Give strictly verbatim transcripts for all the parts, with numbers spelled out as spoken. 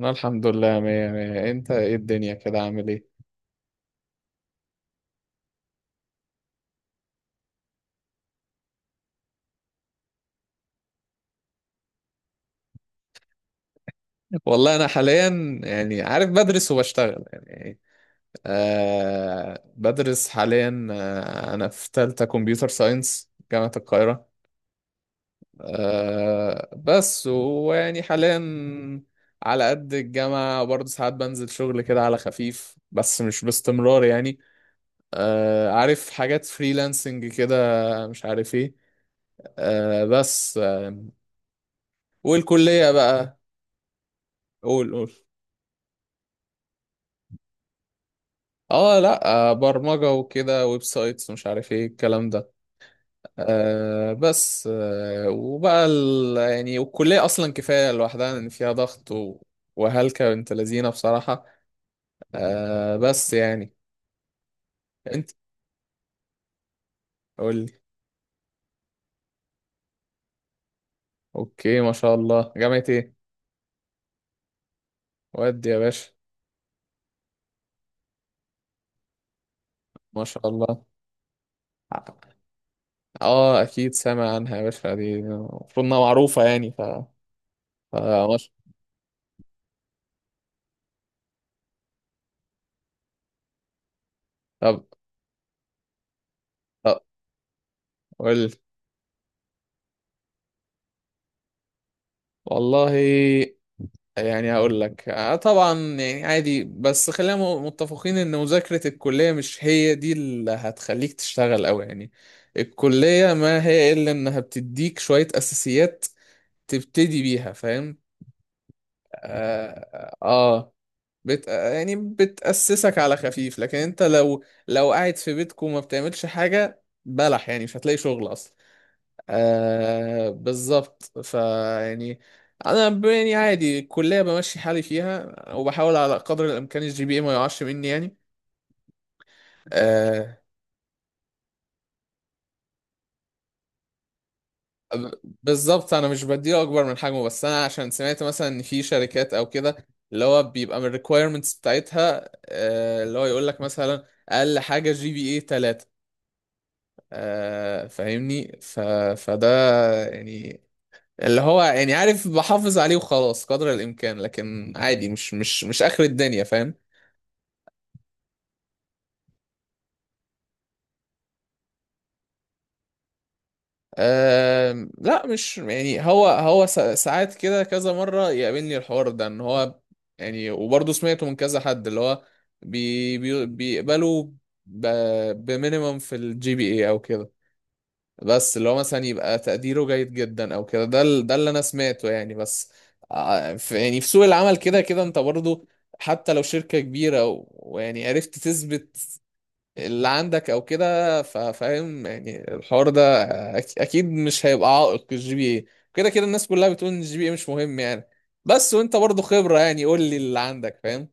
انا الحمد لله مية مية. انت ايه الدنيا كده عامل ايه؟ والله انا حاليا يعني عارف بدرس وبشتغل يعني. آه، بدرس حاليا. آه انا في تالتة كمبيوتر ساينس جامعة القاهرة. آه بس ويعني حاليا على قد الجامعة برضه، ساعات بنزل شغل كده على خفيف بس مش باستمرار يعني. آه عارف حاجات فريلانسنج كده، مش عارف ايه. آه بس آه والكلية بقى. قول قول. اه، لا. آه برمجة وكده، ويب سايتس ومش عارف ايه الكلام ده. آه بس آه وبقى ال... يعني والكلية اصلا كفاية لوحدها، ان فيها ضغط و... وهلكة بنت لذينة بصراحة. آه بس يعني. انت، قول لي. اوكي، ما شاء الله. جامعة ايه؟ ودي يا باشا. ما شاء الله. اه، اكيد سامع عنها يا باشا. دي المفروض انها معروفة يعني ف... فمش... طب. طب قول لي. والله يعني هقول لك، آه، طبعا يعني عادي، بس خلينا م- متفقين ان مذاكرة الكلية مش هي دي اللي هتخليك تشتغل قوي يعني. الكلية ما هي الا انها بتديك شوية اساسيات تبتدي بيها، فاهم؟ اه، آه. بت آه، يعني بتأسسك على خفيف، لكن انت لو لو قاعد في بيتك وما بتعملش حاجة بلح، يعني مش هتلاقي شغل اصلا. آه بالظبط فيعني، انا ب- يعني عادي الكليه بمشي حالي فيها، وبحاول على قدر الامكان الجي بي اي ما يقعش مني يعني. آه ب- بالظبط انا مش بديله اكبر من حجمه، بس انا عشان سمعت مثلا ان في شركات او كده اللي هو بيبقى من الريكويرمنتس بتاعتها، آه اللي هو يقول لك مثلا اقل حاجه جي بي اي ثلاثة. آه فاهمني ف... فده يعني، اللي هو يعني عارف، بحافظ عليه وخلاص قدر الامكان، لكن عادي مش مش مش اخر الدنيا، فاهم؟ أه، لا مش يعني. هو هو سا- ساعات كده، كذا مره يقابلني الحوار ده ان هو، يعني وبرضه سمعته من كذا حد، اللي هو بي بي بيقبلوا ب- بمينيمم في الجي بي اي او كده، بس اللي هو مثلا يبقى تقديره جيد جدا او كده، ده ال- ده اللي انا سمعته يعني. بس ع- في يعني في سوق العمل كده كده انت برضو، حتى لو شركة كبيرة و- ويعني عرفت تثبت اللي عندك او كده، ف- فاهم يعني الحوار ده. أك- اكيد مش هيبقى عائق الجي بي اي، كده كده الناس كلها بتقول ان الجي بي اي مش مهم يعني. بس وانت برضو خبرة، يعني قول لي اللي عندك، فاهم؟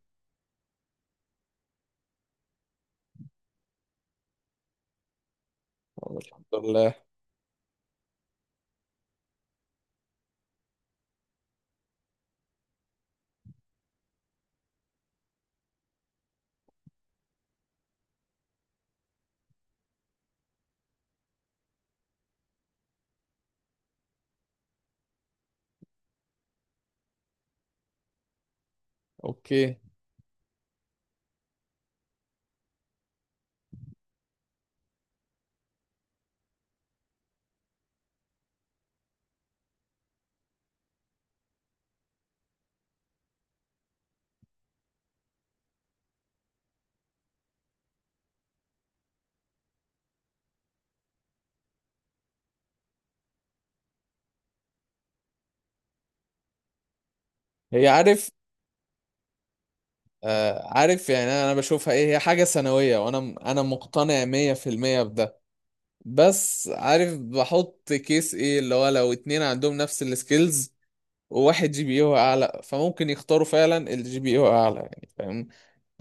الحمد لله. اوكي. هي، عارف. آه، عارف يعني. انا، أنا بشوفها ايه، هي حاجه سنويه، وانا انا مقتنع مية في المية بده. بس عارف بحط كيس ايه، اللي هو لو اتنين عندهم نفس السكيلز، وواحد جي بي يو اعلى، فممكن يختاروا فعلا الجي بي يو اعلى، يعني فاهم؟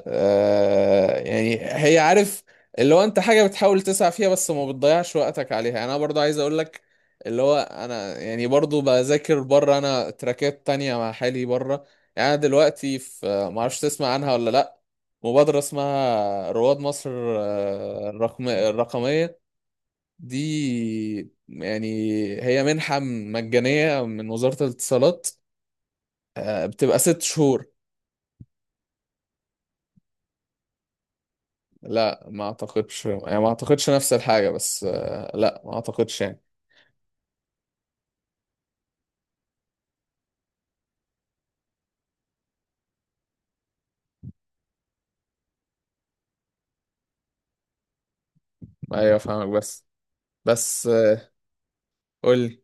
آه يعني، هي، عارف اللي هو انت حاجة بتحاول تسعى فيها بس ما بتضيعش وقتك عليها. يعني انا برضو عايز اقول لك، اللي هو انا يعني برضو بذاكر بره، انا تراكات تانية مع حالي بره. يعني انا دلوقتي في، آه، ما اعرفش تسمع عنها ولا لا، مبادرة اسمها رواد مصر، آه، الرقم الرقمية دي يعني. هي منحة مجانية من وزارة الاتصالات، آه، بتبقى ست شهور. لا، ما اعتقدش يعني، ما اعتقدش نفس الحاجة، بس آه، لا ما اعتقدش يعني. ايوه فاهمك، بس. بس آه، قول لي.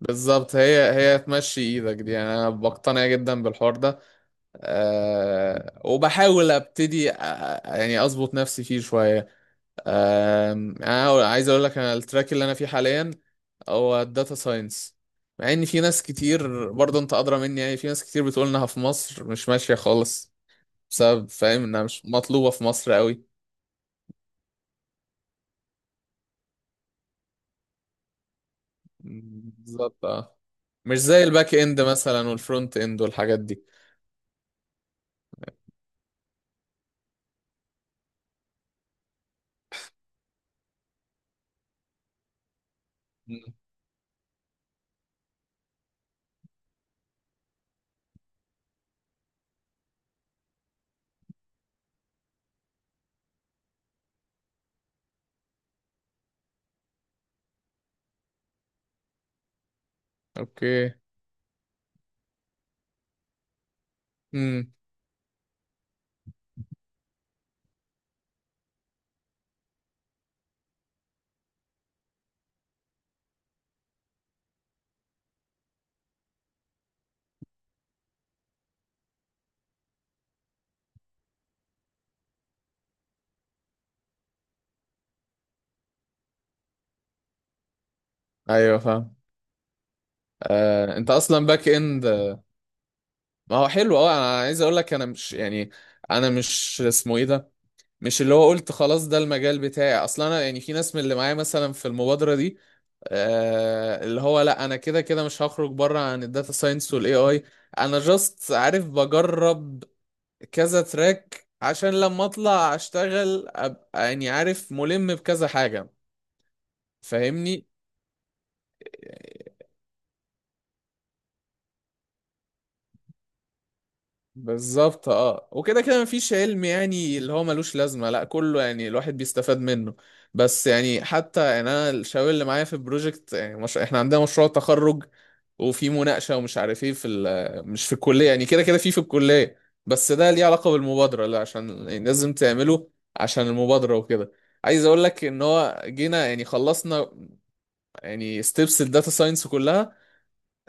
بالظبط، هي هي تمشي ايدك دي، يعني انا بقتنع جدا بالحوار ده. أه، وبحاول ابتدي أ- أ- يعني اظبط نفسي فيه شوية. أه، انا عايز اقول لك، انا التراك اللي انا فيه حاليا هو الداتا ساينس، مع ان في ناس كتير برضه، انت ادرى مني، يعني في ناس كتير بتقول انها في مصر مش ماشية خالص، بسبب، فاهم، انها مش مطلوبة في مصر قوي. بالظبط، اه. مش زي الباك اند مثلا والفرونت اند والحاجات دي. مم. اوكي. امم ايوه، فاهم. آه، انت اصلا باك اند، ما هو حلو. اه، انا عايز اقول لك، انا مش يعني، انا مش اسمه ايه ده، مش اللي هو قلت خلاص ده المجال بتاعي اصلا. انا يعني في ناس من اللي معايا مثلا في المبادره دي، آه اللي هو لا، انا كده كده مش هخرج بره عن الداتا ساينس والاي اي. انا جاست عارف بجرب كذا تراك، عشان لما اطلع اشتغل ابقى يعني عارف، ملم بكذا حاجة، فاهمني. بالظبط، اه، وكده كده مفيش علم يعني اللي هو ملوش لازمة، لا كله يعني الواحد بيستفاد منه. بس يعني، حتى يعني انا، الشباب اللي معايا في البروجكت يعني مش... احنا عندنا مشروع تخرج وفي مناقشة ومش عارف ايه، في ال... مش في الكلية، يعني كده كده في في الكلية، بس ده ليه علاقة بالمبادرة؟ لا، عشان يعني لازم تعمله عشان المبادرة وكده. عايز اقول لك ان هو جينا، يعني خلصنا يعني ستيبس الداتا ساينس كلها،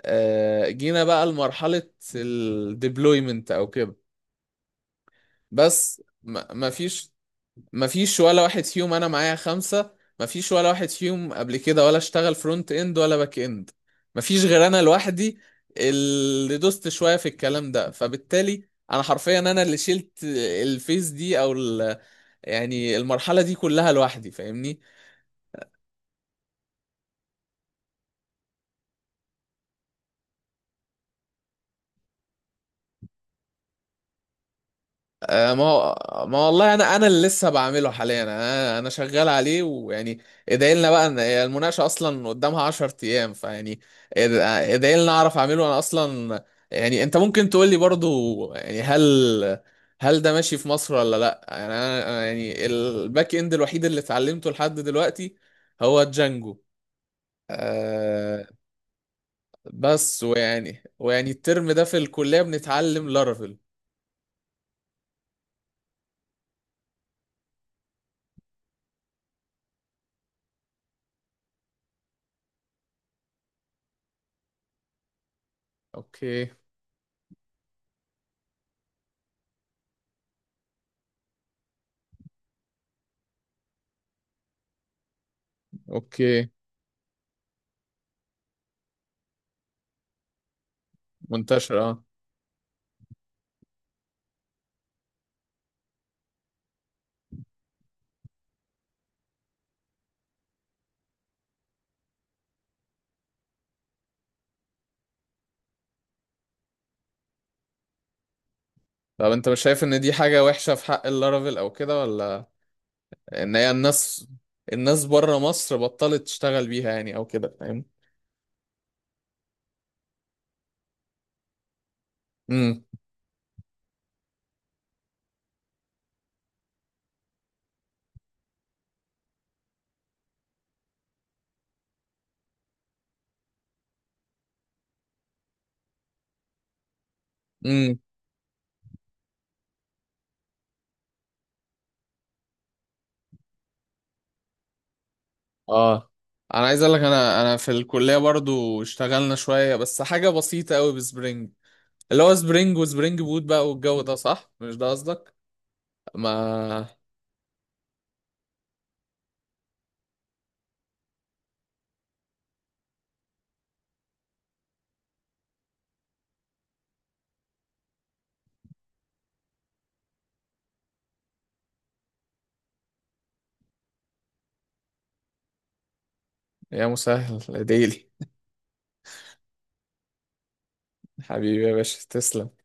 آه، جينا بقى لمرحلة الديبلويمنت او كده. بس ما ما فيش، ما فيش ولا واحد فيهم. انا معايا خمسة، ما فيش ولا واحد فيهم قبل كده ولا اشتغل فرونت اند ولا باك اند، ما فيش غير انا لوحدي، اللي دوست شوية في الكلام ده. فبالتالي انا حرفيا انا اللي شلت الفيس دي او ال- يعني المرحلة دي كلها لوحدي، فاهمني. آه، ما هو، ما والله انا، انا اللي لسه بعمله حاليا. انا انا شغال عليه ويعني، ادعي لنا بقى ان هي المناقشه اصلا قدامها عشرة ايام، فيعني اد- ادعي لنا اعرف اعمله انا اصلا. يعني انت ممكن تقول لي برضو، يعني هل، هل ده ماشي في مصر ولا لا؟ يعني انا، أنا يعني الباك اند الوحيد اللي اتعلمته لحد دلوقتي هو جانجو. أه، بس ويعني، ويعني الترم ده في الكليه بنتعلم لارافيل. اوكي. اوكي. منتشر، اه. طب انت مش شايف ان دي حاجة وحشة في حق اللارافيل او كده، ولا ان هي الناس، الناس بره مصر بطلت تشتغل بيها يعني او كده، فاهم؟ امم امم اه، انا عايز اقول لك، انا انا في الكلية برضو اشتغلنا شوية، بس حاجة بسيطة قوي بسبرينج، اللي هو سبرينج وسبرينج بوت بقى والجو ده، صح، مش ده قصدك؟ ما. يا مسهل يا ديلي. حبيبي يا باشا، تسلم.